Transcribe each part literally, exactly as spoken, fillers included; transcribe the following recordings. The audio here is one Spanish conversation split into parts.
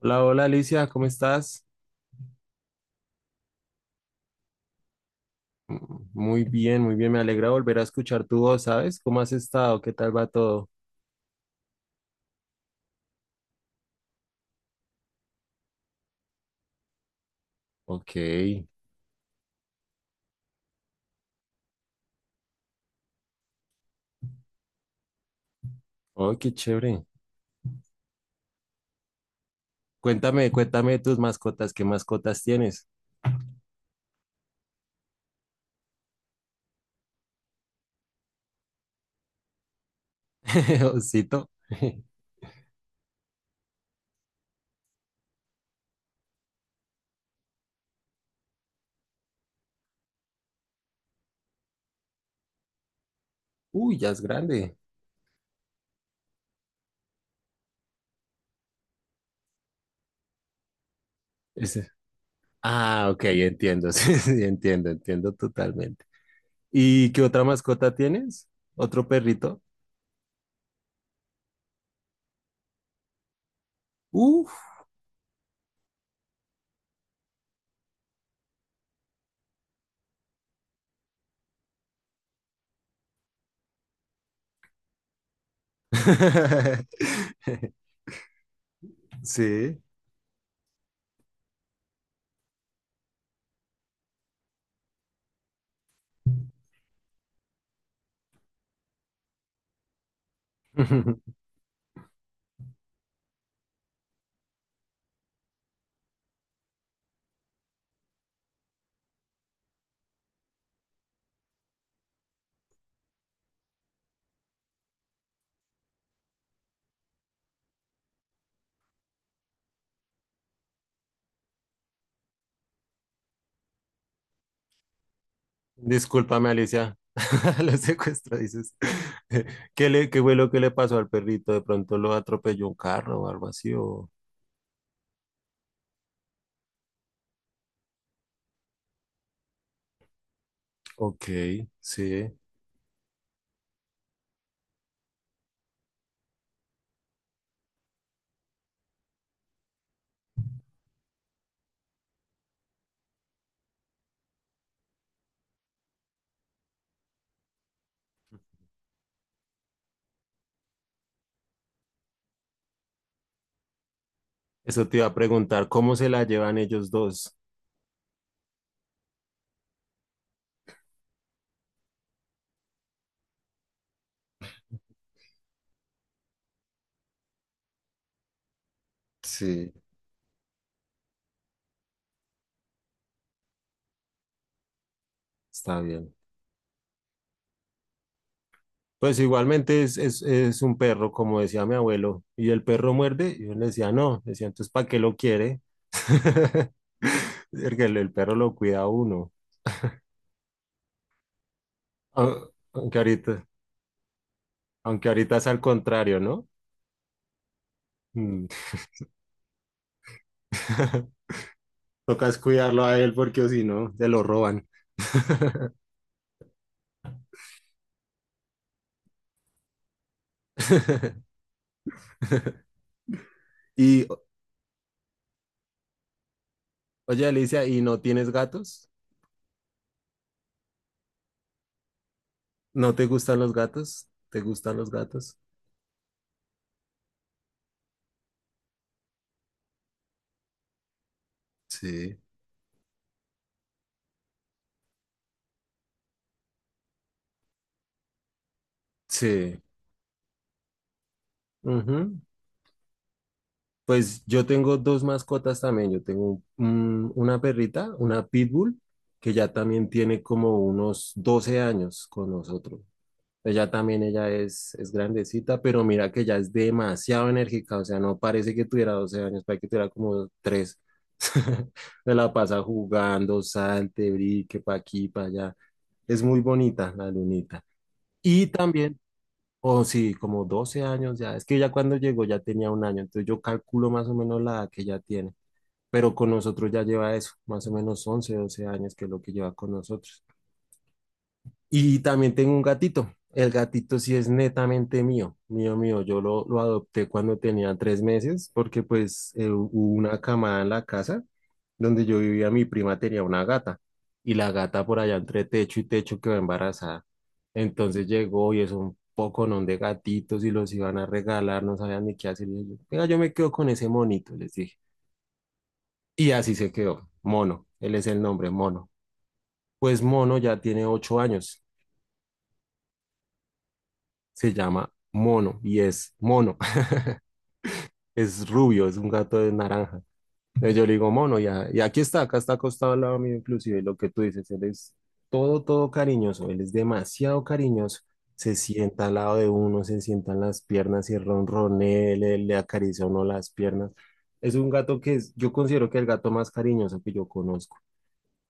Hola, hola Alicia, ¿cómo estás? Mm, muy bien, muy bien, me alegra volver a escuchar tu voz, ¿sabes? ¿Cómo has estado? ¿Qué tal va todo? Ok, oh, qué chévere. Cuéntame, cuéntame de tus mascotas, ¿qué mascotas tienes? Osito. Uy, ya es grande. Ese- Ah, ok, entiendo, sí, sí, entiendo, entiendo totalmente. ¿Y qué otra mascota tienes? ¿Otro perrito? Uf. Sí. Discúlpame, Alicia. Lo secuestro, dices. ¿Qué le, qué fue lo que le pasó al perrito? ¿De pronto lo atropelló un carro o algo así? O... Ok, sí. Eso te iba a preguntar, ¿cómo se la llevan ellos dos? Sí, está bien. Pues igualmente es, es, es un perro, como decía mi abuelo. ¿Y el perro muerde? Y yo le decía, no. Decía, entonces, ¿para qué lo quiere? Porque el, el perro lo cuida a uno. Au- Aunque ahorita, aunque ahorita es al contrario, ¿no? Mm. Toca es cuidarlo a él porque o si no, se lo roban. Y, oye, Alicia, ¿y no tienes gatos? ¿No te gustan los gatos? ¿Te gustan los gatos? Sí. Sí. Ujú. Pues yo tengo dos mascotas también. Yo tengo un- una perrita, una pitbull, que ya también tiene como unos doce años con nosotros. Ella también, ella es, es grandecita, pero mira que ella es demasiado enérgica, o sea, no parece que tuviera doce años, parece que tuviera como tres. Se la pasa jugando, salte, brique, pa' aquí, pa' allá. Es muy bonita la lunita. Y también, o sí, como doce años ya, es que ya cuando llegó ya tenía un año, entonces yo calculo más o menos la edad que ya tiene, pero con nosotros ya lleva eso, más o menos once doce años que es lo que lleva con nosotros. Y también tengo un gatito. El gatito sí es netamente mío, mío, mío. Yo lo, lo adopté cuando tenía tres meses porque pues eh, hubo una camada en la casa donde yo vivía, mi prima tenía una gata y la gata por allá entre techo y techo quedó embarazada. Entonces llegó y es un poconón de gatitos y los iban a regalar, no sabían ni qué hacer. Y yo, venga, yo me quedo con ese monito, les dije. Y así se quedó, Mono, él es el nombre, Mono. Pues Mono ya tiene ocho años. Se llama Mono y es Mono, es rubio, es un gato de naranja. Entonces yo le digo Mono y, a- y aquí está, acá está acostado al lado mío inclusive, lo que tú dices, él es todo, todo cariñoso, él es demasiado cariñoso. Se sienta al lado de uno, se sientan las piernas y ronronea, le, le acaricia a uno las piernas. Es un gato que es, yo considero que el gato más cariñoso que yo conozco.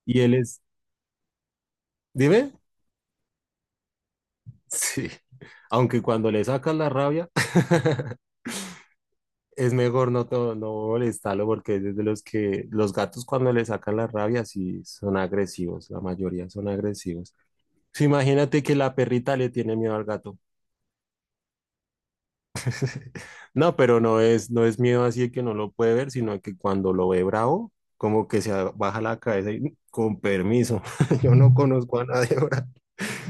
Y él es, dime, sí, aunque cuando le sacas la rabia. Es mejor no, to- no molestarlo porque es de los que los gatos cuando le sacan la rabia sí son agresivos, la mayoría son agresivos. Sí, imagínate que la perrita le tiene miedo al gato. No, pero no es, no es miedo así de que no lo puede ver, sino que cuando lo ve bravo, como que se baja la cabeza y "Mm, con permiso, yo no conozco a nadie ahora".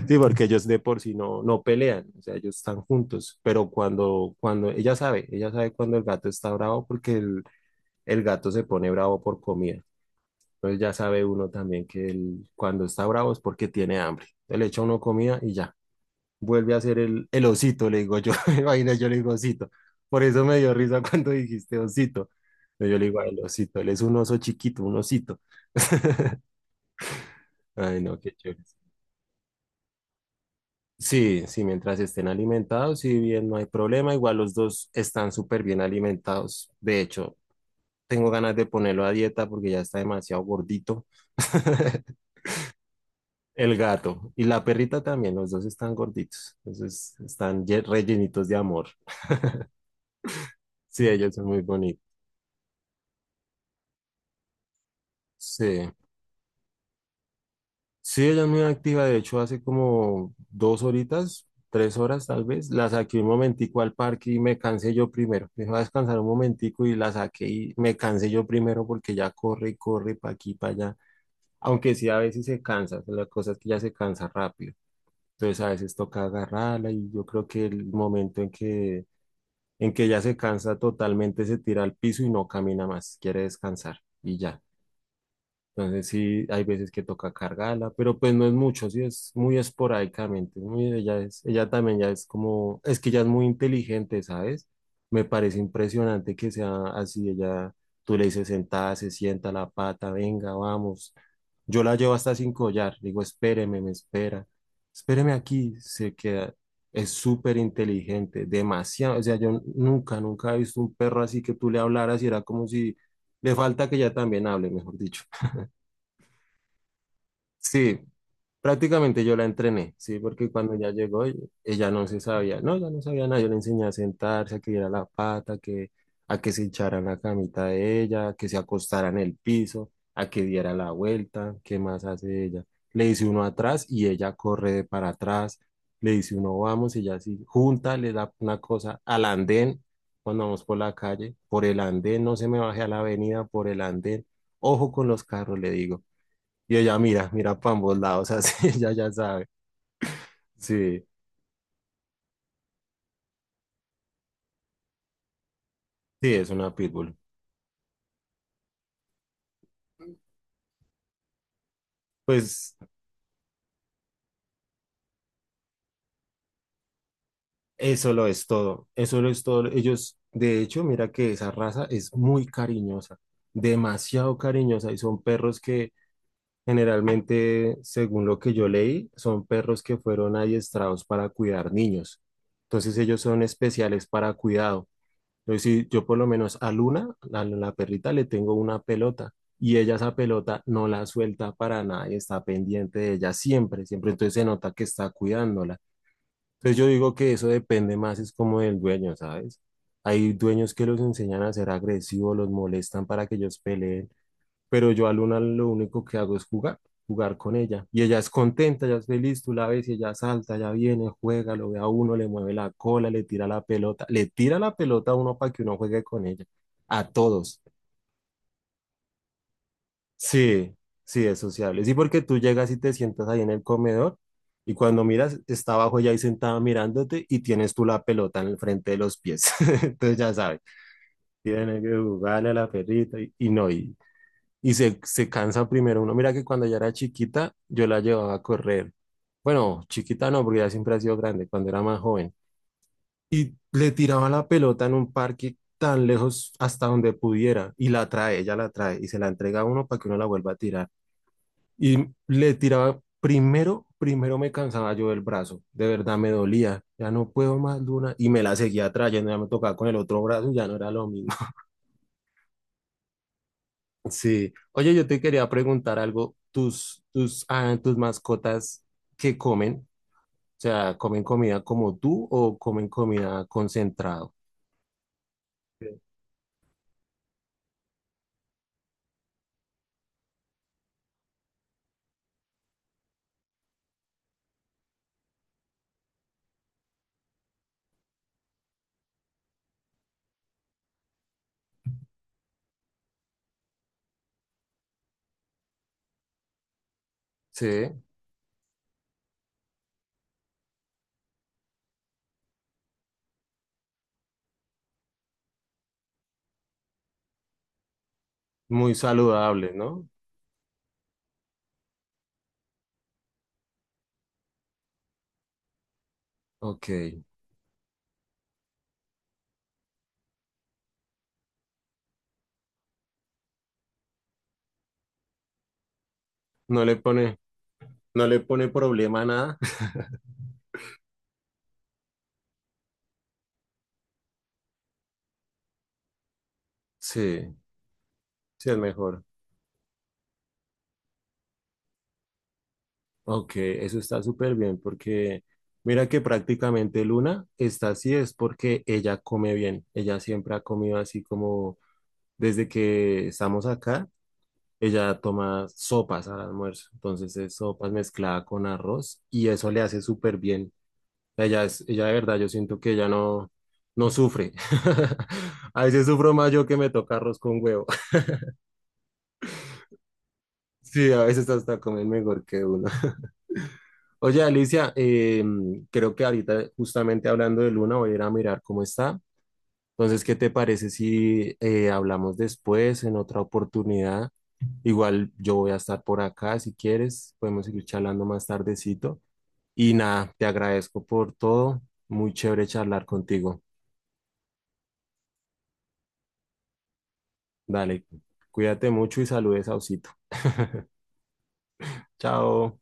Sí, porque ellos de por sí no, no pelean, o sea, ellos están juntos, pero cuando, cuando ella sabe, ella sabe cuando el gato está bravo porque el, el gato se pone bravo por comida. Entonces ya sabe uno también que él, cuando está bravo es porque tiene hambre. Entonces le echa uno comida y ya. Vuelve a ser el, el osito, le digo yo. Imagina, yo le digo osito. Por eso me dio risa cuando dijiste osito. Entonces yo le digo, "Ay, el osito, él es un oso chiquito, un osito". Ay, no, qué chévere. Sí, sí, mientras estén alimentados, si bien no hay problema, igual los dos están súper bien alimentados. De hecho, tengo ganas de ponerlo a dieta porque ya está demasiado gordito. El gato y la perrita también, los dos están gorditos, entonces están ye- rellenitos de amor. Sí, ellos son muy bonitos. Sí, sí, ella es muy activa, de hecho hace como dos horitas, tres horas tal vez, la saqué un momentico al parque y me cansé yo primero. Me iba a descansar un momentico y la saqué y me cansé yo primero porque ya corre y corre para aquí, para allá. Aunque sí, a veces se cansa, la cosa es que ya se cansa rápido. Entonces a veces toca agarrarla y yo creo que el momento en que en que ya se cansa totalmente, se tira al piso y no camina más, quiere descansar y ya. Entonces sí, hay veces que toca cargarla, pero pues no es mucho, sí es muy esporádicamente, es muy, ella es, ella también ya es como, es que ella es muy inteligente, ¿sabes? Me parece impresionante que sea así, ella, tú le dices sentada, se sienta la pata, venga, vamos. Yo la llevo hasta sin collar, digo, espéreme, me espera, espéreme aquí, se queda, es súper inteligente, demasiado, o sea, yo nunca, nunca he visto un perro así que tú le hablaras y era como si le falta que ella también hable, mejor dicho. Sí, prácticamente yo la entrené, sí, porque cuando ya llegó e-, ella no se sabía, no, ya no sabía nada, yo le enseñé a sentarse, a que diera la pata, que, a que se echara en la camita de ella, a que se acostara en el piso, a que diera la vuelta, ¿qué más hace ella? Le dice uno atrás y ella corre de para atrás, le dice uno vamos y ella así, junta, le da una cosa al andén cuando vamos por la calle, por el andén, no se me baje a la avenida, por el andén, ojo con los carros, le digo. Y ella mira, mira para ambos lados, así ella ya sabe. Sí, sí, es una pitbull. Pues eso lo es todo, eso lo es todo. Ellos, de hecho, mira que esa raza es muy cariñosa, demasiado cariñosa y son perros que generalmente, según lo que yo leí, son perros que fueron adiestrados para cuidar niños. Entonces ellos son especiales para cuidado. Entonces, si yo por lo menos a Luna, a la perrita, le tengo una pelota y ella esa pelota no la suelta para nada y está pendiente de ella siempre, siempre. Entonces se nota que está cuidándola. Entonces yo digo que eso depende más, es como del dueño, ¿sabes? Hay dueños que los enseñan a ser agresivos, los molestan para que ellos peleen, pero yo a Luna lo único que hago es jugar, jugar con ella. Y ella es contenta, ella es feliz, tú la ves y ella salta, ella viene, juega, lo ve a uno, le mueve la cola, le tira la pelota, le tira la pelota a uno para que uno juegue con ella, a todos. Sí, sí, es sociable. Sí, porque tú llegas y te sientas ahí en el comedor y cuando miras, está abajo ella ahí sentada mirándote y tienes tú la pelota en el frente de los pies. Entonces ya sabes, tienen que jugarle a la perrita y, y no, y y se, se cansa primero uno. Mira que cuando ella era chiquita, yo la llevaba a correr. Bueno, chiquita no, porque ella siempre ha sido grande, cuando era más joven. Y le tiraba la pelota en un parque tan lejos hasta donde pudiera y la trae, ella la trae y se la entrega a uno para que uno la vuelva a tirar. Y le tiraba primero, primero me cansaba yo del brazo, de verdad me dolía, ya no puedo más, Luna, y me la seguía trayendo, ya me tocaba con el otro brazo, ya no era lo mismo. Sí. Oye, yo te quería preguntar algo. ¿Tus, tus, ah, tus mascotas qué comen? O sea, ¿comen comida como tú o comen comida concentrado? Sí. Sí, muy saludable, ¿no? Ok. No le pone, no le pone problema a nada. Sí, sí es mejor. Ok, eso está súper bien porque mira que prácticamente Luna está así es porque ella come bien. Ella siempre ha comido así como desde que estamos acá. Ella toma sopas al almuerzo, entonces es sopas mezclada con arroz y eso le hace súper bien. Ella es, ella de verdad, yo siento que ella no, no sufre. A veces sufro más yo que me toca arroz con huevo. Sí, a veces hasta comen mejor que uno. Oye, Alicia, eh, creo que ahorita justamente hablando de Luna voy a ir a mirar cómo está. Entonces, ¿qué te parece si eh, hablamos después en otra oportunidad? Igual yo voy a estar por acá si quieres, podemos seguir charlando más tardecito. Y nada, te agradezco por todo. Muy chévere charlar contigo. Dale, cuídate mucho y saludes a Osito. Chao.